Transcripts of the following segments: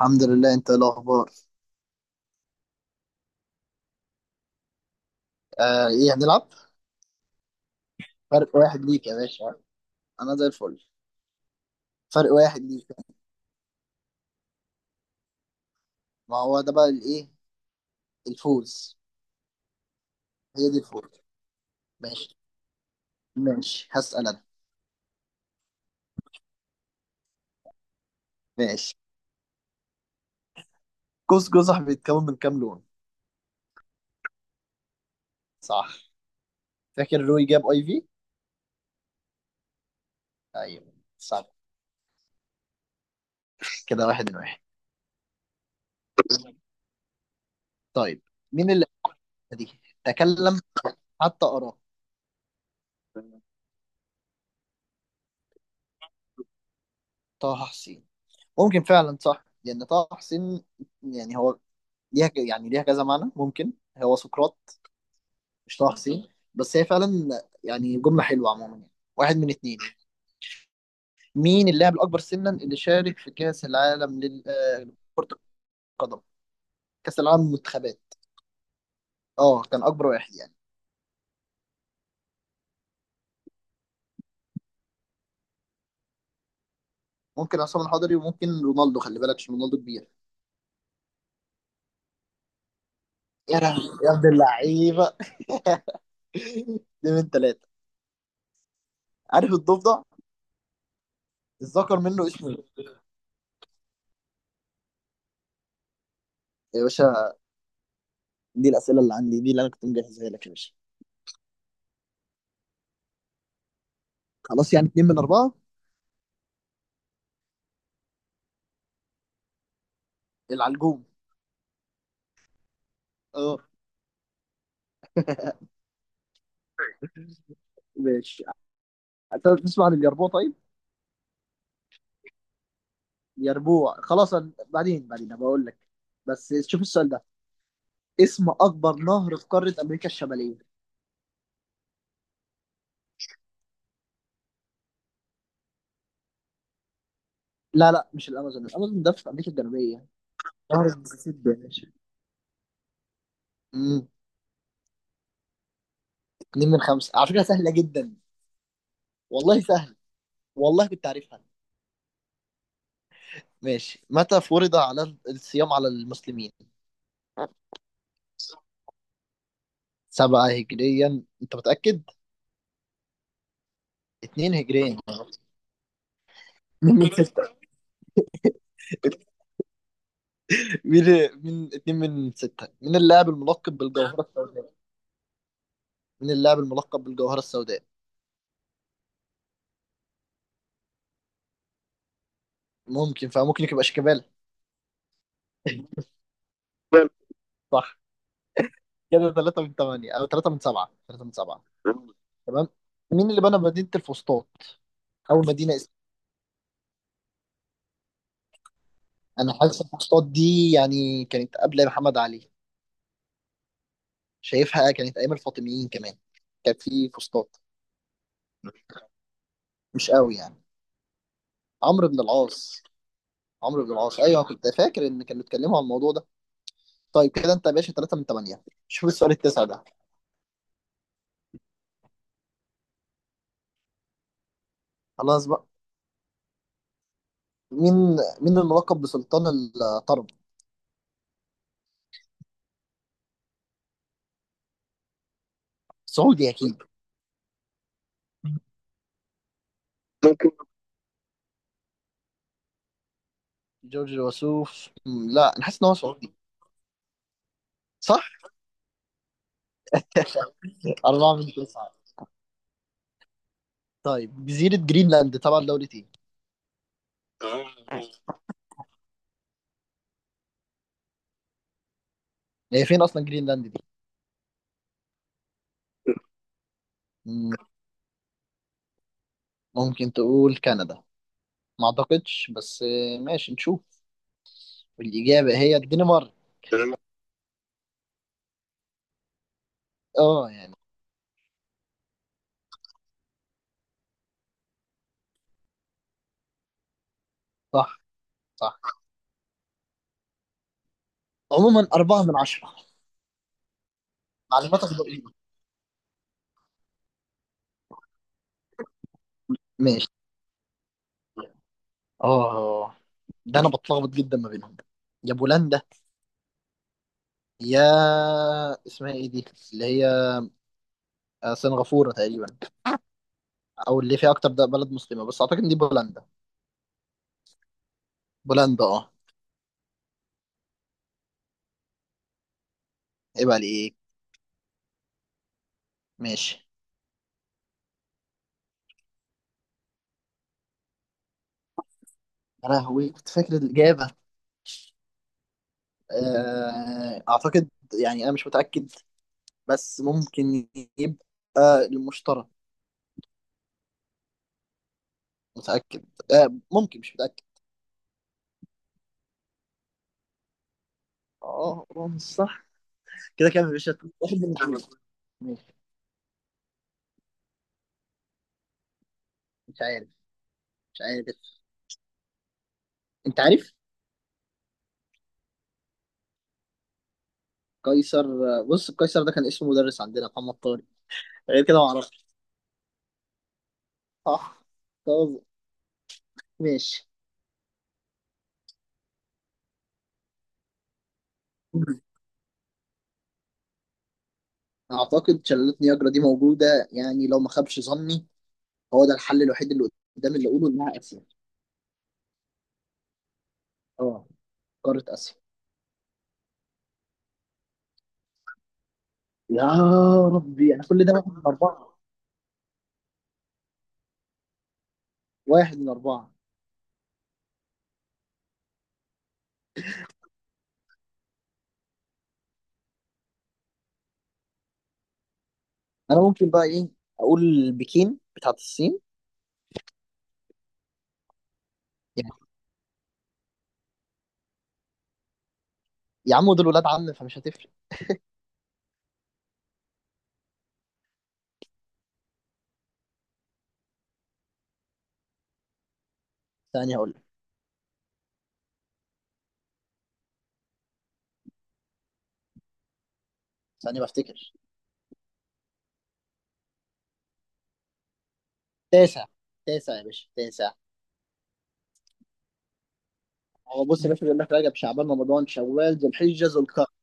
الحمد لله، انت ايه الاخبار؟ آه، ايه هنلعب؟ فرق واحد ليك يا باشا. انا زي الفل. فرق واحد ليك. ما هو ده بقى الايه؟ الفوز. هي دي الفوز. ماشي. ماشي هسأل انا. ماشي. قوس قزح بيتكون من كام لون؟ صح. فاكر روي جاب اي في؟ ايوه. صح. كده واحد واحد. طيب. مين اللي دي تكلم؟ حتى اراه. طه حسين. ممكن فعلا، صح، لان طه حسين يعني هو ليها، يعني ليها كذا معنى. ممكن هو سقراط. مش طه حسين، بس هي فعلا يعني جملة حلوة عموما يعني. واحد من اتنين. مين اللاعب الأكبر سنا اللي شارك في كأس العالم لكرة القدم؟ كأس العالم للمنتخبات. اه، كان أكبر واحد يعني. ممكن عصام الحضري وممكن رونالدو، خلي بالك عشان رونالدو كبير. يا لهوي يا ابن اللعيبة. دي من ثلاثة. عارف الضفدع؟ الذكر منه اسمه ايه؟ يا باشا، دي الأسئلة اللي عندي، دي اللي أنا كنت مجهزها لك يا باشا. خلاص يعني اتنين من أربعة. العلجوم. اه. ماشي. أنت تسمع عن اليربوع؟ طيب. يربوع خلاص. بعدين بعدين أبقى اقول لك. بس شوف السؤال ده. اسم اكبر نهر في قاره امريكا الشماليه. لا لا، مش الامازون، الامازون ده في امريكا الجنوبيه. نهر المسيسيبي يا باشا. امم. اتنين من خمسه، على فكره سهله جدا. والله سهل. والله كنت عارفها. ماشي. متى فرض على الصيام على المسلمين؟ سبعة هجريا انت متأكد؟ اتنين هجريا. اتنين من ستة. مين؟ من اتنين من ستة، من اللاعب الملقب بالجوهرة السوداء؟ من اللاعب الملقب بالجوهرة السوداء؟ ممكن فممكن يبقى شيكابالا. صح. كده 3 من 8 او 3 من 7. 3 من 7. تمام. مين اللي بنى مدينة الفسطاط؟ اول مدينة اسم. انا حاسس الفسطاط دي يعني كانت قبل محمد علي. شايفها كانت ايام الفاطميين كمان، كان في فسطاط. مش قوي يعني. عمرو بن العاص. عمرو بن العاص، ايوه كنت فاكر ان كانوا اتكلموا عن الموضوع ده. طيب، كده انت يا باشا 3 من 8. شوف السؤال التاسع ده. خلاص بقى. مين؟ مين الملقب بسلطان الطرب؟ سعودي اكيد. جورج الوسوف. لا، انا حاسس ان هو سعودي. صح؟ 4 من 9. طيب، جزيرة جرينلاند تبع دولة ايه؟ هي فين اصلا جرينلاند دي؟ مم، ممكن تقول كندا. ما اعتقدش، بس ماشي نشوف. الإجابة هي الدنمارك. اه يعني. صح. صح. عموما أربعة من عشرة. معلوماتك دقيقة. ماشي. اه، ده انا بتلخبط جدا ما بينهم. يا بولندا، يا اسمها ايه دي اللي هي سنغافورة تقريبا، او اللي فيها اكتر ده بلد مسلمة. بس اعتقد ان دي بولندا. بولندا اه. عيب عليك. ماشي. يا لهوي كنت فاكر الإجابة. أعتقد يعني أنا مش متأكد، بس ممكن يبقى المشترى. متأكد. ممكن، مش متأكد. اه، رمز صح. كده كده مش واحد من الاتنين. ماشي. مش عارف. مش عارف. انت عارف. قيصر. بص، قيصر ده كان اسمه مدرس عندنا، محمد طارق. غير كده معرفش. صح. طب. ماشي. اعتقد شلالات نياجرا دي موجوده يعني لو ما خابش ظني. هو ده الحل الوحيد اللي قدامي، اللي اقوله انها اسيا. اه، قارة آسيا. يا ربي، أنا كل ده واحد من أربعة. واحد من أربعة. أنا ممكن بقى إيه أقول؟ بكين بتاعت الصين يعني. يا عم، دول ولاد عم فمش هتفرق. ثانية أقول لك. ثانية بفتكر. تاسع. تاسع يا باشا تاسع. هو بص يا باشا، بيقول لك رجب شعبان رمضان شوال ذو الحجة ذو القرن.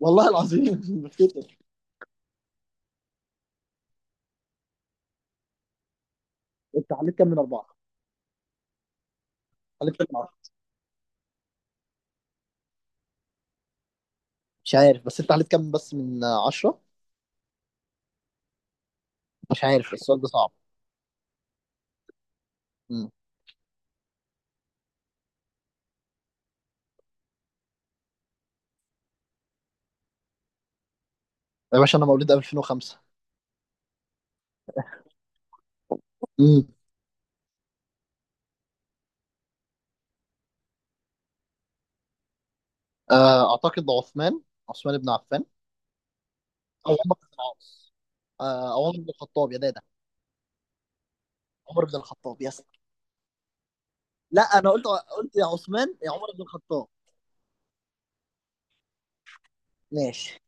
والله العظيم بفتكر. أنت عليك كام من أربعة؟ عليك كام من عشرة؟ مش عارف، بس أنت عليك كام بس من عشرة؟ مش عارف، السؤال ده صعب. مم. يا باشا، أنا مولود 2005. امم أعتقد عثمان. عثمان بن عفان. او عمر بن العاص. او عمر بن الخطاب يا دادا. عمر بن الخطاب، يس. لا، انا قلت قلت يا عثمان يا عمر بن الخطاب. ماشي.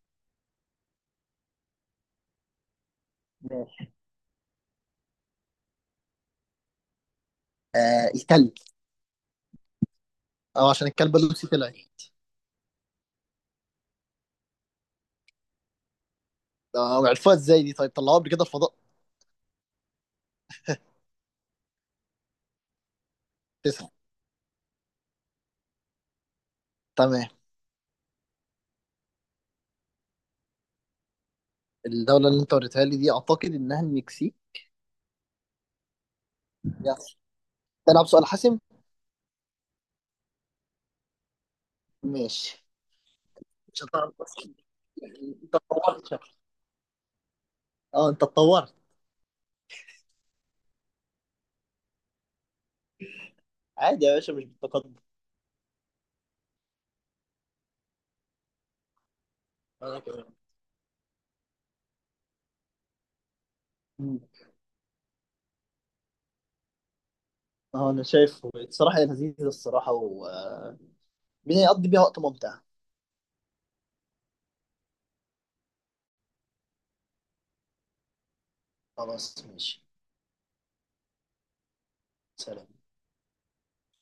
ماشي. آه، الكلب. اه، عشان الكلب اللوسي طلع. آه، عرفوها ازاي دي؟ طيب طلعوها قبل كده الفضاء. تسعة. تمام. الدولة اللي انت وريتها لي دي اعتقد انها المكسيك. يس. تلعب سؤال حاسم. ماشي، مش هتعرف بس. انت اتطورت شكلك. اه، انت اتطورت. عادي يا باشا، مش بالتقدم. انا كمان. مم. اه، انا شايفه الصراحة لذيذ الصراحة، و بنقضي بيها وقت ممتع. خلاص ماشي. سلام.